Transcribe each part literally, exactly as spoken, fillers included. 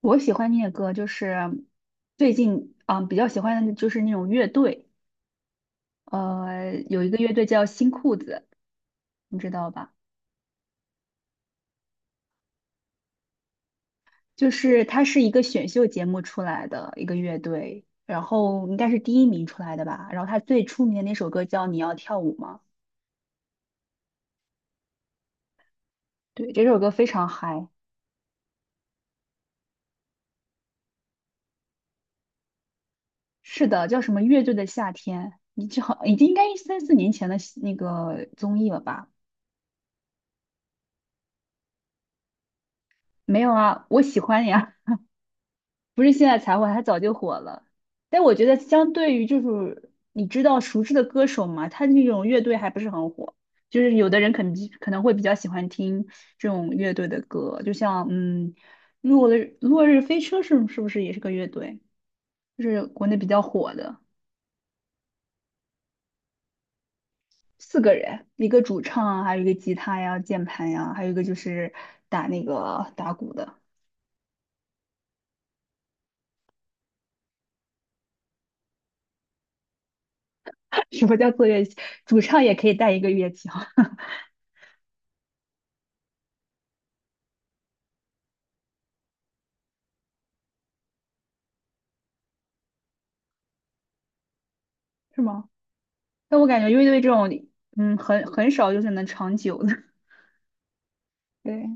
我喜欢听的歌就是最近啊、比较喜欢的就是那种乐队，呃，有一个乐队叫新裤子，你知道吧？就是它是一个选秀节目出来的一个乐队，然后应该是第一名出来的吧。然后它最出名的那首歌叫《你要跳舞吗》，对，这首歌非常嗨。是的，叫什么乐队的夏天，你就好已经应该三四年前的那个综艺了吧？没有啊，我喜欢呀。不是现在才火，他早就火了。但我觉得相对于就是你知道熟知的歌手嘛，他那种乐队还不是很火。就是有的人可能可能会比较喜欢听这种乐队的歌，就像嗯，落日落日飞车是是不是也是个乐队？就是国内比较火的，四个人，一个主唱啊，还有一个吉他呀、键盘呀，还有一个就是打那个打鼓的。什么叫做乐器？主唱也可以带一个乐器啊，是吗？但我感觉乐队这种，嗯，很很少就是能长久的。对，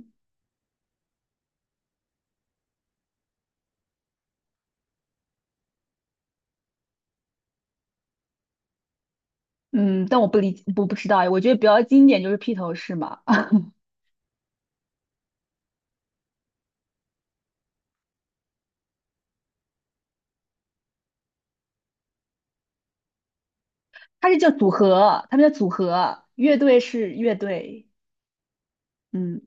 嗯，但我不理，我不知道，我觉得比较经典就是披头士嘛，啊，它是叫组合，他们叫组合，乐队是乐队，嗯，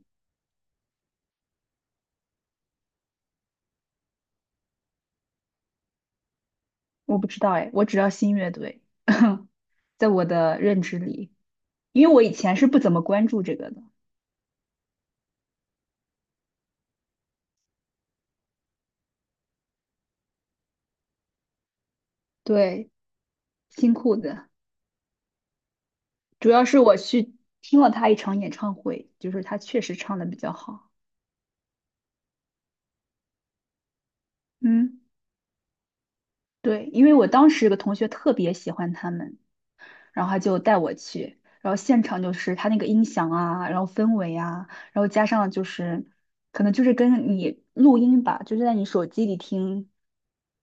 我不知道哎，我只要新乐队，在我的认知里，因为我以前是不怎么关注这个的。对，新裤子，主要是我去听了他一场演唱会，就是他确实唱的比较好。嗯，对，因为我当时有个同学特别喜欢他们。然后他就带我去，然后现场就是他那个音响啊，然后氛围啊，然后加上就是可能就是跟你录音吧，就是在你手机里听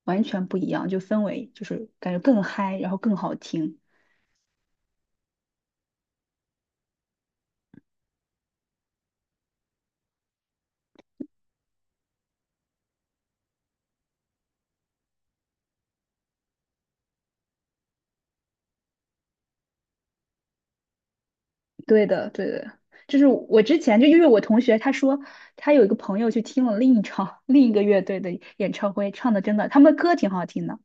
完全不一样，就氛围就是感觉更嗨，然后更好听。对的，对的，就是我之前就因为我同学他说他有一个朋友去听了另一场 另一个乐队的演唱会，唱的真的他们的歌挺好听的，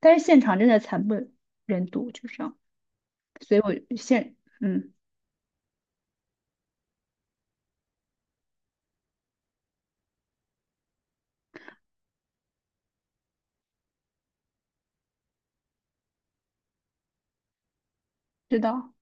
但是现场真的惨不忍睹，就这样。所以我现嗯知道。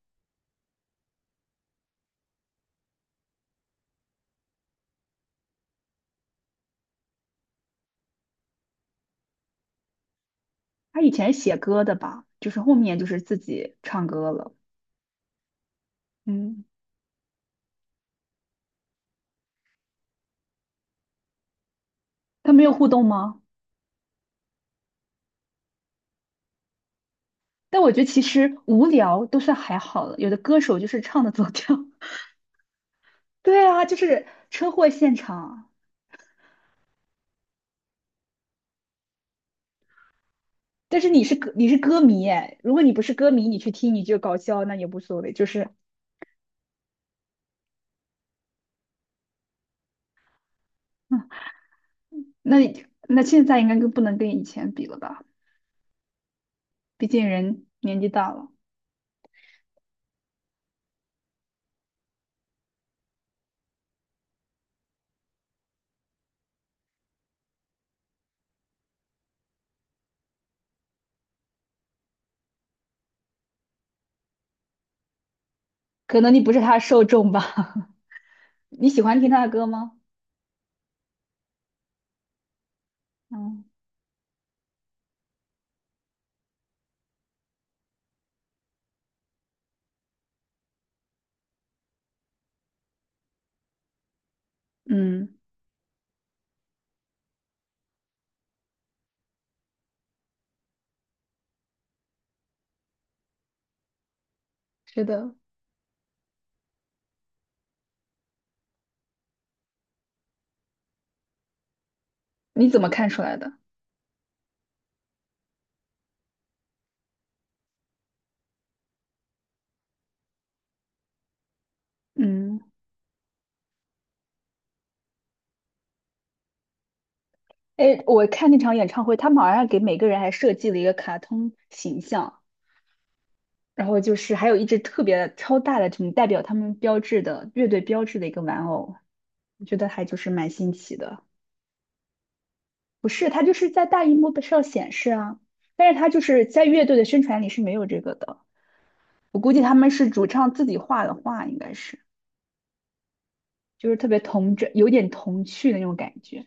他以前写歌的吧，就是后面就是自己唱歌了。嗯，他没有互动吗？但我觉得其实无聊都算还好了，有的歌手就是唱的走调。对啊，就是车祸现场。但是你是歌你是歌迷哎，如果你不是歌迷，你去听你就搞笑，那也无所谓。就是那那现在应该跟不能跟以前比了吧？毕竟人年纪大了，可能你不是他的受众吧？你喜欢听他的歌吗？嗯嗯，是的。你怎么看出来的？嗯。哎，我看那场演唱会，他们好像给每个人还设计了一个卡通形象，然后就是还有一只特别超大的，这种代表他们标志的乐队标志的一个玩偶，我觉得还就是蛮新奇的。不是，它就是在大荧幕上显示啊，但是它就是在乐队的宣传里是没有这个的。我估计他们是主唱自己画的画，应该是就是特别童真，有点童趣的那种感觉。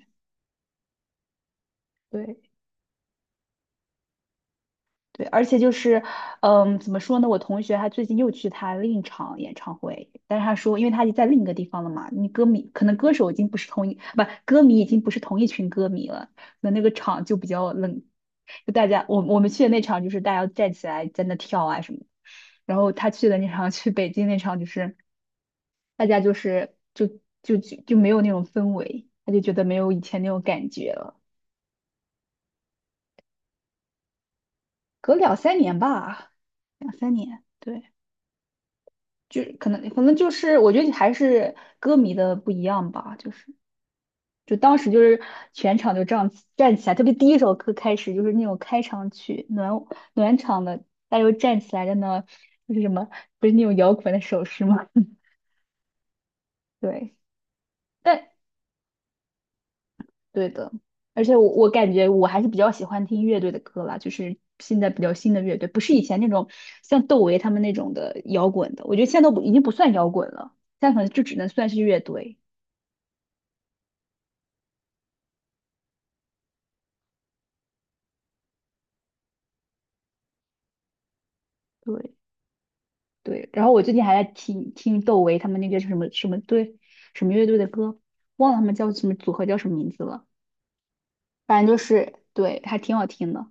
对，对，而且就是，嗯，怎么说呢？我同学他最近又去他另一场演唱会，但是他说，因为他已经在另一个地方了嘛，你歌迷可能歌手已经不是同一，不，歌迷已经不是同一群歌迷了，那那个场就比较冷，就大家我我们去的那场就是大家站起来在那跳啊什么的然后他去的那场 去北京那场就是大家就是就就就就没有那种氛围，他就觉得没有以前那种感觉了，隔两三年吧，两三年，对。就可能可能就是我觉得还是歌迷的不一样吧，就是就当时就是全场就这样站起来，特别第一首歌开始就是那种开场曲暖暖场的，大家就站起来在那就是什么不是那种摇滚的手势吗？对，但对的，而且我我感觉我还是比较喜欢听乐队的歌啦，就是现在比较新的乐队，不是以前那种像窦唯他们那种的摇滚的，我觉得现在都不已经不算摇滚了，现在可能就只能算是乐队。对。对，然后我最近还在听听窦唯他们那个什么什么队什么乐队的歌，忘了他们叫什么组合叫什么名字了，反正就是对，还挺好听的。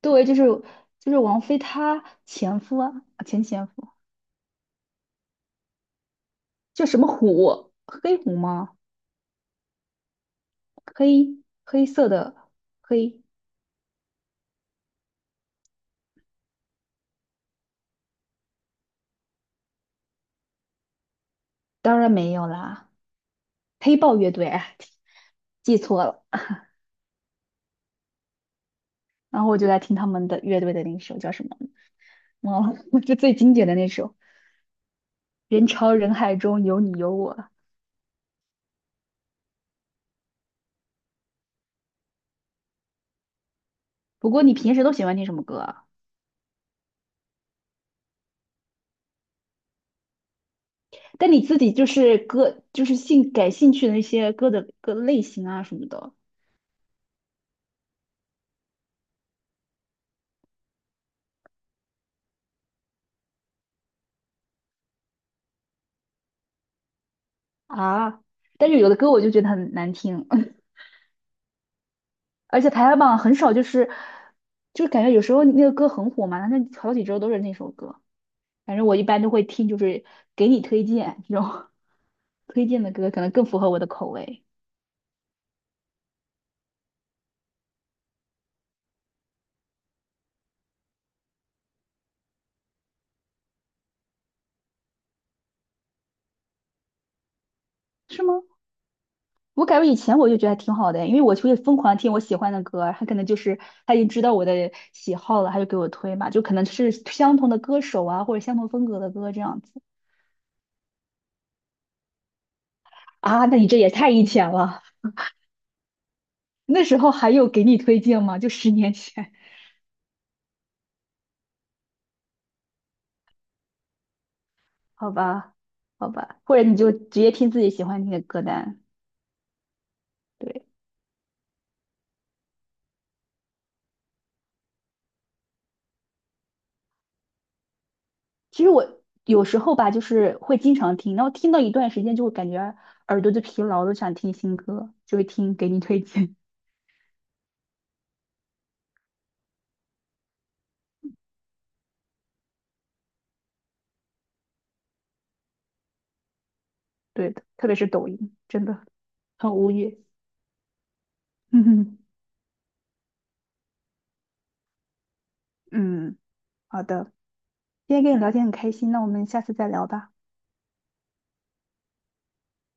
窦唯就是就是王菲她前夫啊，前前夫叫什么虎？黑虎吗？黑黑色的黑，当然没有啦，黑豹乐队，哎记错了。然后我就在听他们的乐队的那首叫什么，忘了，就最经典的那首《人潮人海中有你有我》。不过你平时都喜欢听什么歌啊？但你自己就是歌，就是兴感兴趣的那些歌的歌类型啊什么的啊。但是有的歌我就觉得很难听，而且排行榜很少，就是就是感觉有时候那个歌很火嘛，那好几周都是那首歌。反正我一般都会听，就是给你推荐这种 推荐的歌，可能更符合我的口味，是吗？我感觉以前我就觉得还挺好的，因为我就会疯狂听我喜欢的歌儿，他可能就是他已经知道我的喜好了，他就给我推嘛，就可能是相同的歌手啊，或者相同风格的歌这样子啊。那你这也太以前了，那时候还有给你推荐吗？就十年前，好吧，好吧，或者你就直接听自己喜欢听的歌单。对，其实我有时候吧，就是会经常听，然后听到一段时间就会感觉耳朵就疲劳都想听新歌，就会听给你推荐。对的，特别是抖音，真的。很无语。嗯，嗯，好的，今天跟你聊天很开心，那我们下次再聊吧。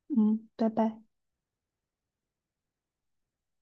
嗯，拜拜。